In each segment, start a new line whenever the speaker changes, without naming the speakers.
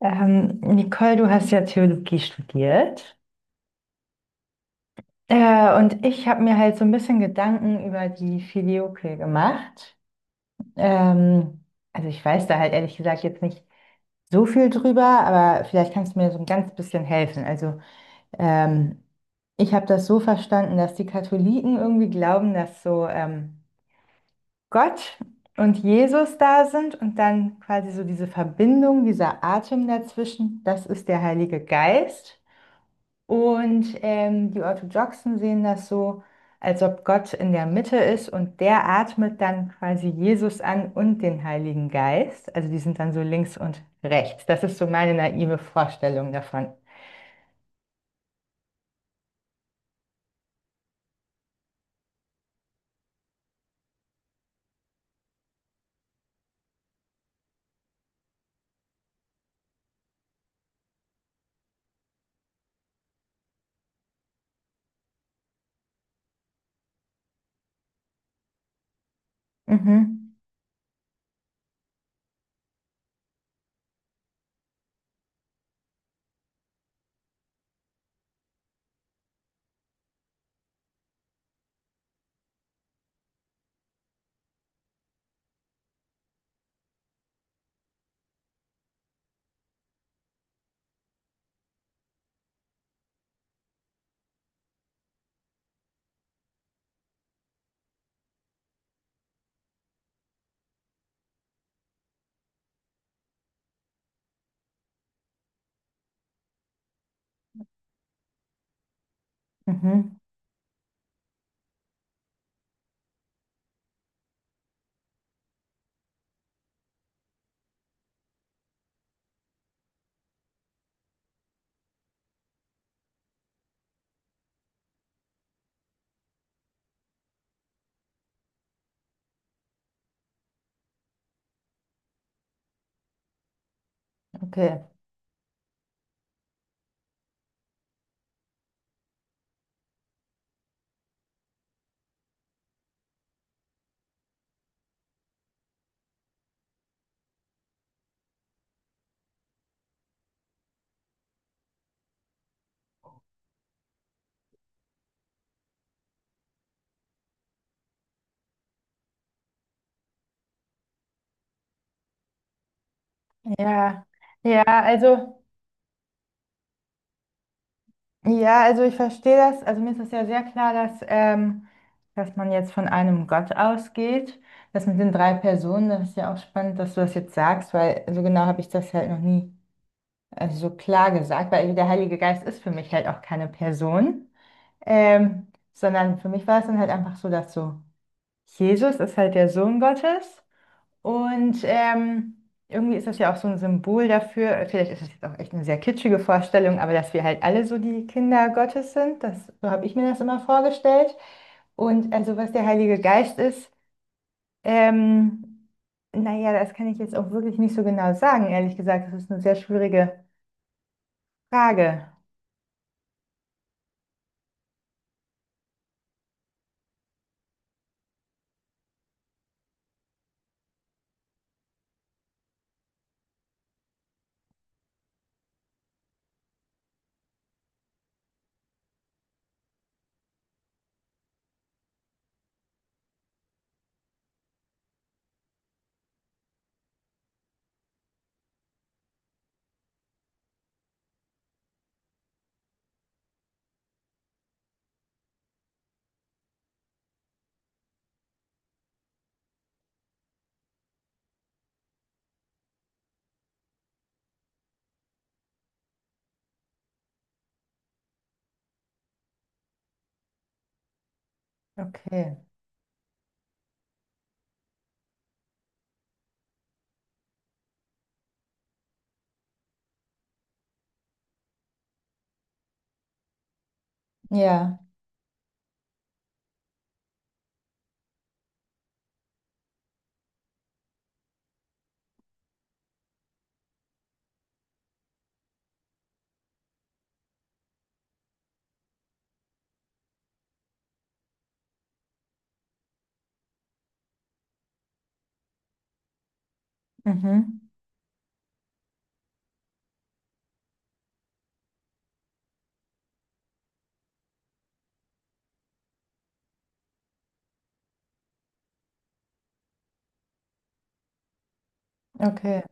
Nicole, du hast ja Theologie studiert. Und ich habe mir halt so ein bisschen Gedanken über die Filioque gemacht. Ähm, also ich weiß da halt ehrlich gesagt jetzt nicht so viel drüber, aber vielleicht kannst du mir so ein ganz bisschen helfen. Also ähm, ich habe das so verstanden, dass die Katholiken irgendwie glauben, dass so, Gott und Jesus da sind und dann quasi so diese Verbindung, dieser Atem dazwischen, das ist der Heilige Geist. Und die Orthodoxen sehen das so, als ob Gott in der Mitte ist und der atmet dann quasi Jesus an und den Heiligen Geist. Also die sind dann so links und rechts. Das ist so meine naive Vorstellung davon. Mhm, mhm, okay. Ja, ja, also, ja, also ich verstehe das. Also mir ist das ja sehr klar, dass, dass man jetzt von einem Gott ausgeht. Das mit den drei Personen, das ist ja auch spannend, dass du das jetzt sagst, weil so genau habe ich das halt noch nie. Also so klar gesagt, weil der Heilige Geist ist für mich halt auch keine Person, sondern für mich war es dann halt einfach so, dass so Jesus ist halt der Sohn Gottes und irgendwie ist das ja auch so ein Symbol dafür, vielleicht ist das jetzt auch echt eine sehr kitschige Vorstellung, aber dass wir halt alle so die Kinder Gottes sind, das, so habe ich mir das immer vorgestellt. Und also was der Heilige Geist ist, ähm, naja, das kann ich jetzt auch wirklich nicht so genau sagen, ehrlich gesagt, das ist eine sehr schwierige Frage. Okay, ja, mhm. Okay,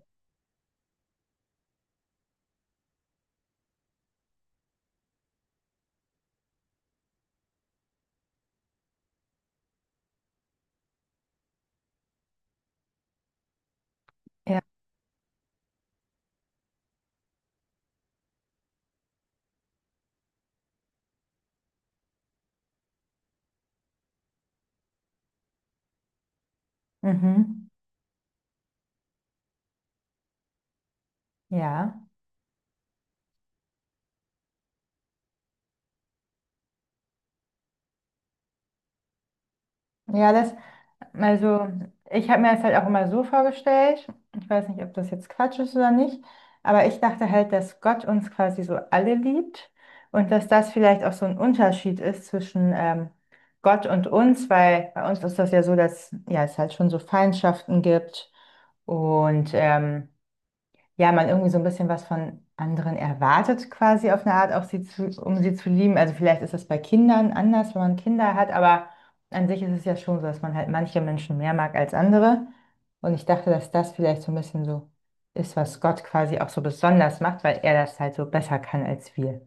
ja, mhm. Ja, ja, das, also ich habe mir das halt auch immer so vorgestellt, ich weiß nicht, ob das jetzt Quatsch ist oder nicht, aber ich dachte halt, dass Gott uns quasi so alle liebt und dass das vielleicht auch so ein Unterschied ist zwischen Gott und uns, weil bei uns ist das ja so, dass ja, es halt schon so Feindschaften gibt und ja, man irgendwie so ein bisschen was von anderen erwartet, quasi auf eine Art, auch sie zu, um sie zu lieben. Also vielleicht ist das bei Kindern anders, wenn man Kinder hat, aber an sich ist es ja schon so, dass man halt manche Menschen mehr mag als andere. Und ich dachte, dass das vielleicht so ein bisschen so ist, was Gott quasi auch so besonders macht, weil er das halt so besser kann als wir.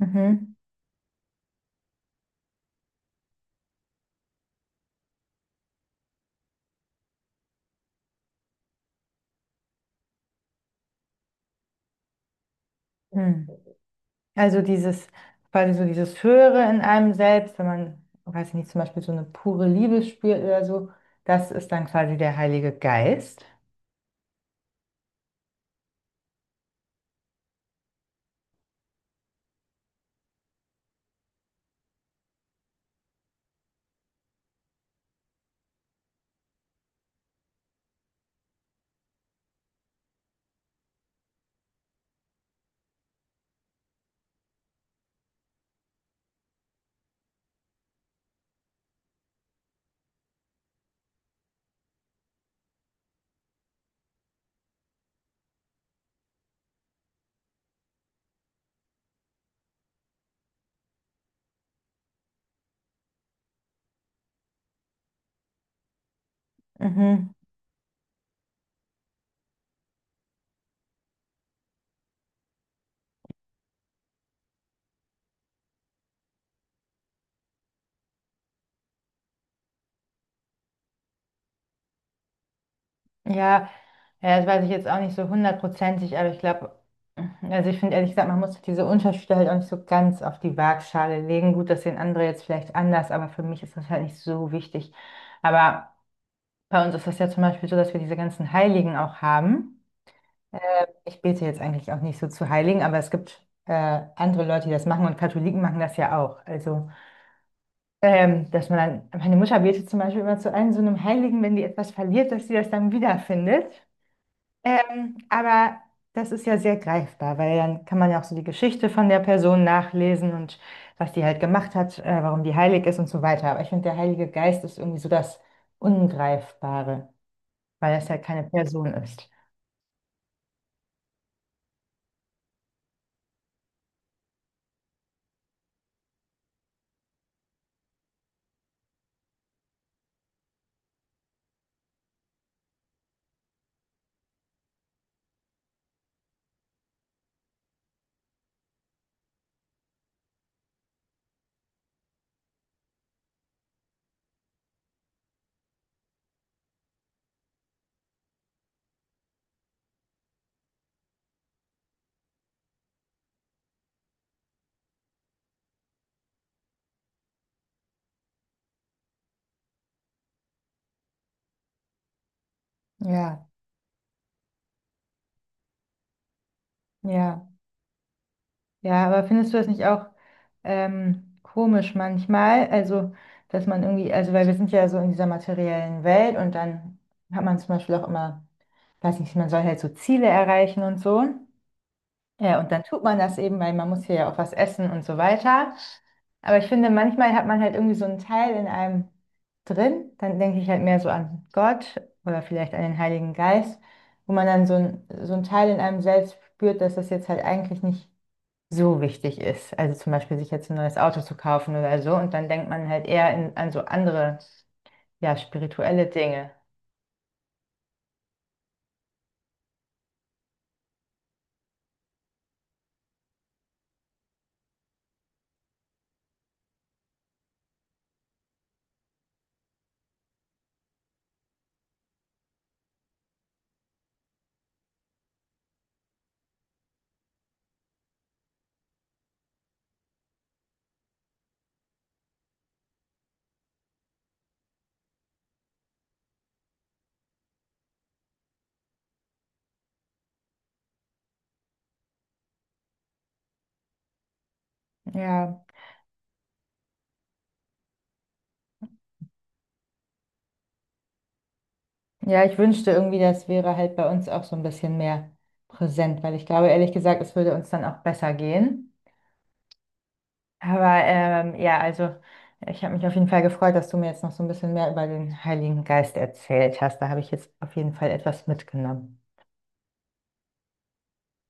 Mhm. Hm. Also dieses, quasi so dieses Höhere in einem selbst, wenn man, weiß ich nicht, zum Beispiel so eine pure Liebe spürt oder so, das ist dann quasi der Heilige Geist. Mhm. Ja, ja, das weiß ich jetzt auch nicht so hundertprozentig, aber ich glaube, also ich finde ehrlich gesagt, man muss diese Unterschiede halt auch nicht so ganz auf die Waagschale legen. Gut, das sehen andere jetzt vielleicht anders, aber für mich ist das halt nicht so wichtig. Aber bei uns ist das ja zum Beispiel so, dass wir diese ganzen Heiligen auch haben. Ich bete jetzt eigentlich auch nicht so zu Heiligen, aber es gibt andere Leute, die das machen und Katholiken machen das ja auch. Also, dass man dann, meine Mutter betet zum Beispiel immer zu einem so einem Heiligen, wenn die etwas verliert, dass sie das dann wiederfindet. Aber das ist ja sehr greifbar, weil dann kann man ja auch so die Geschichte von der Person nachlesen und was die halt gemacht hat, warum die heilig ist und so weiter. Aber ich finde, der Heilige Geist ist irgendwie so das Ungreifbare, weil das halt keine Person ist. Ja, ja. Ja, aber findest du das nicht auch komisch manchmal? Also, dass man irgendwie, also weil wir sind ja so in dieser materiellen Welt und dann hat man zum Beispiel auch immer, weiß nicht, man soll halt so Ziele erreichen und so. Ja, und dann tut man das eben, weil man muss hier ja auch was essen und so weiter. Aber ich finde, manchmal hat man halt irgendwie so einen Teil in einem drin. Dann denke ich halt mehr so an Gott oder vielleicht an den Heiligen Geist, wo man dann so ein Teil in einem selbst spürt, dass das jetzt halt eigentlich nicht so wichtig ist. Also zum Beispiel sich jetzt ein neues Auto zu kaufen oder so. Und dann denkt man halt eher in, an so andere, ja, spirituelle Dinge. Ja, ja, ich wünschte irgendwie, das wäre halt bei uns auch so ein bisschen mehr präsent, weil ich glaube, ehrlich gesagt, es würde uns dann auch besser gehen. Aber ja, also ich habe mich auf jeden Fall gefreut, dass du mir jetzt noch so ein bisschen mehr über den Heiligen Geist erzählt hast. Da habe ich jetzt auf jeden Fall etwas mitgenommen.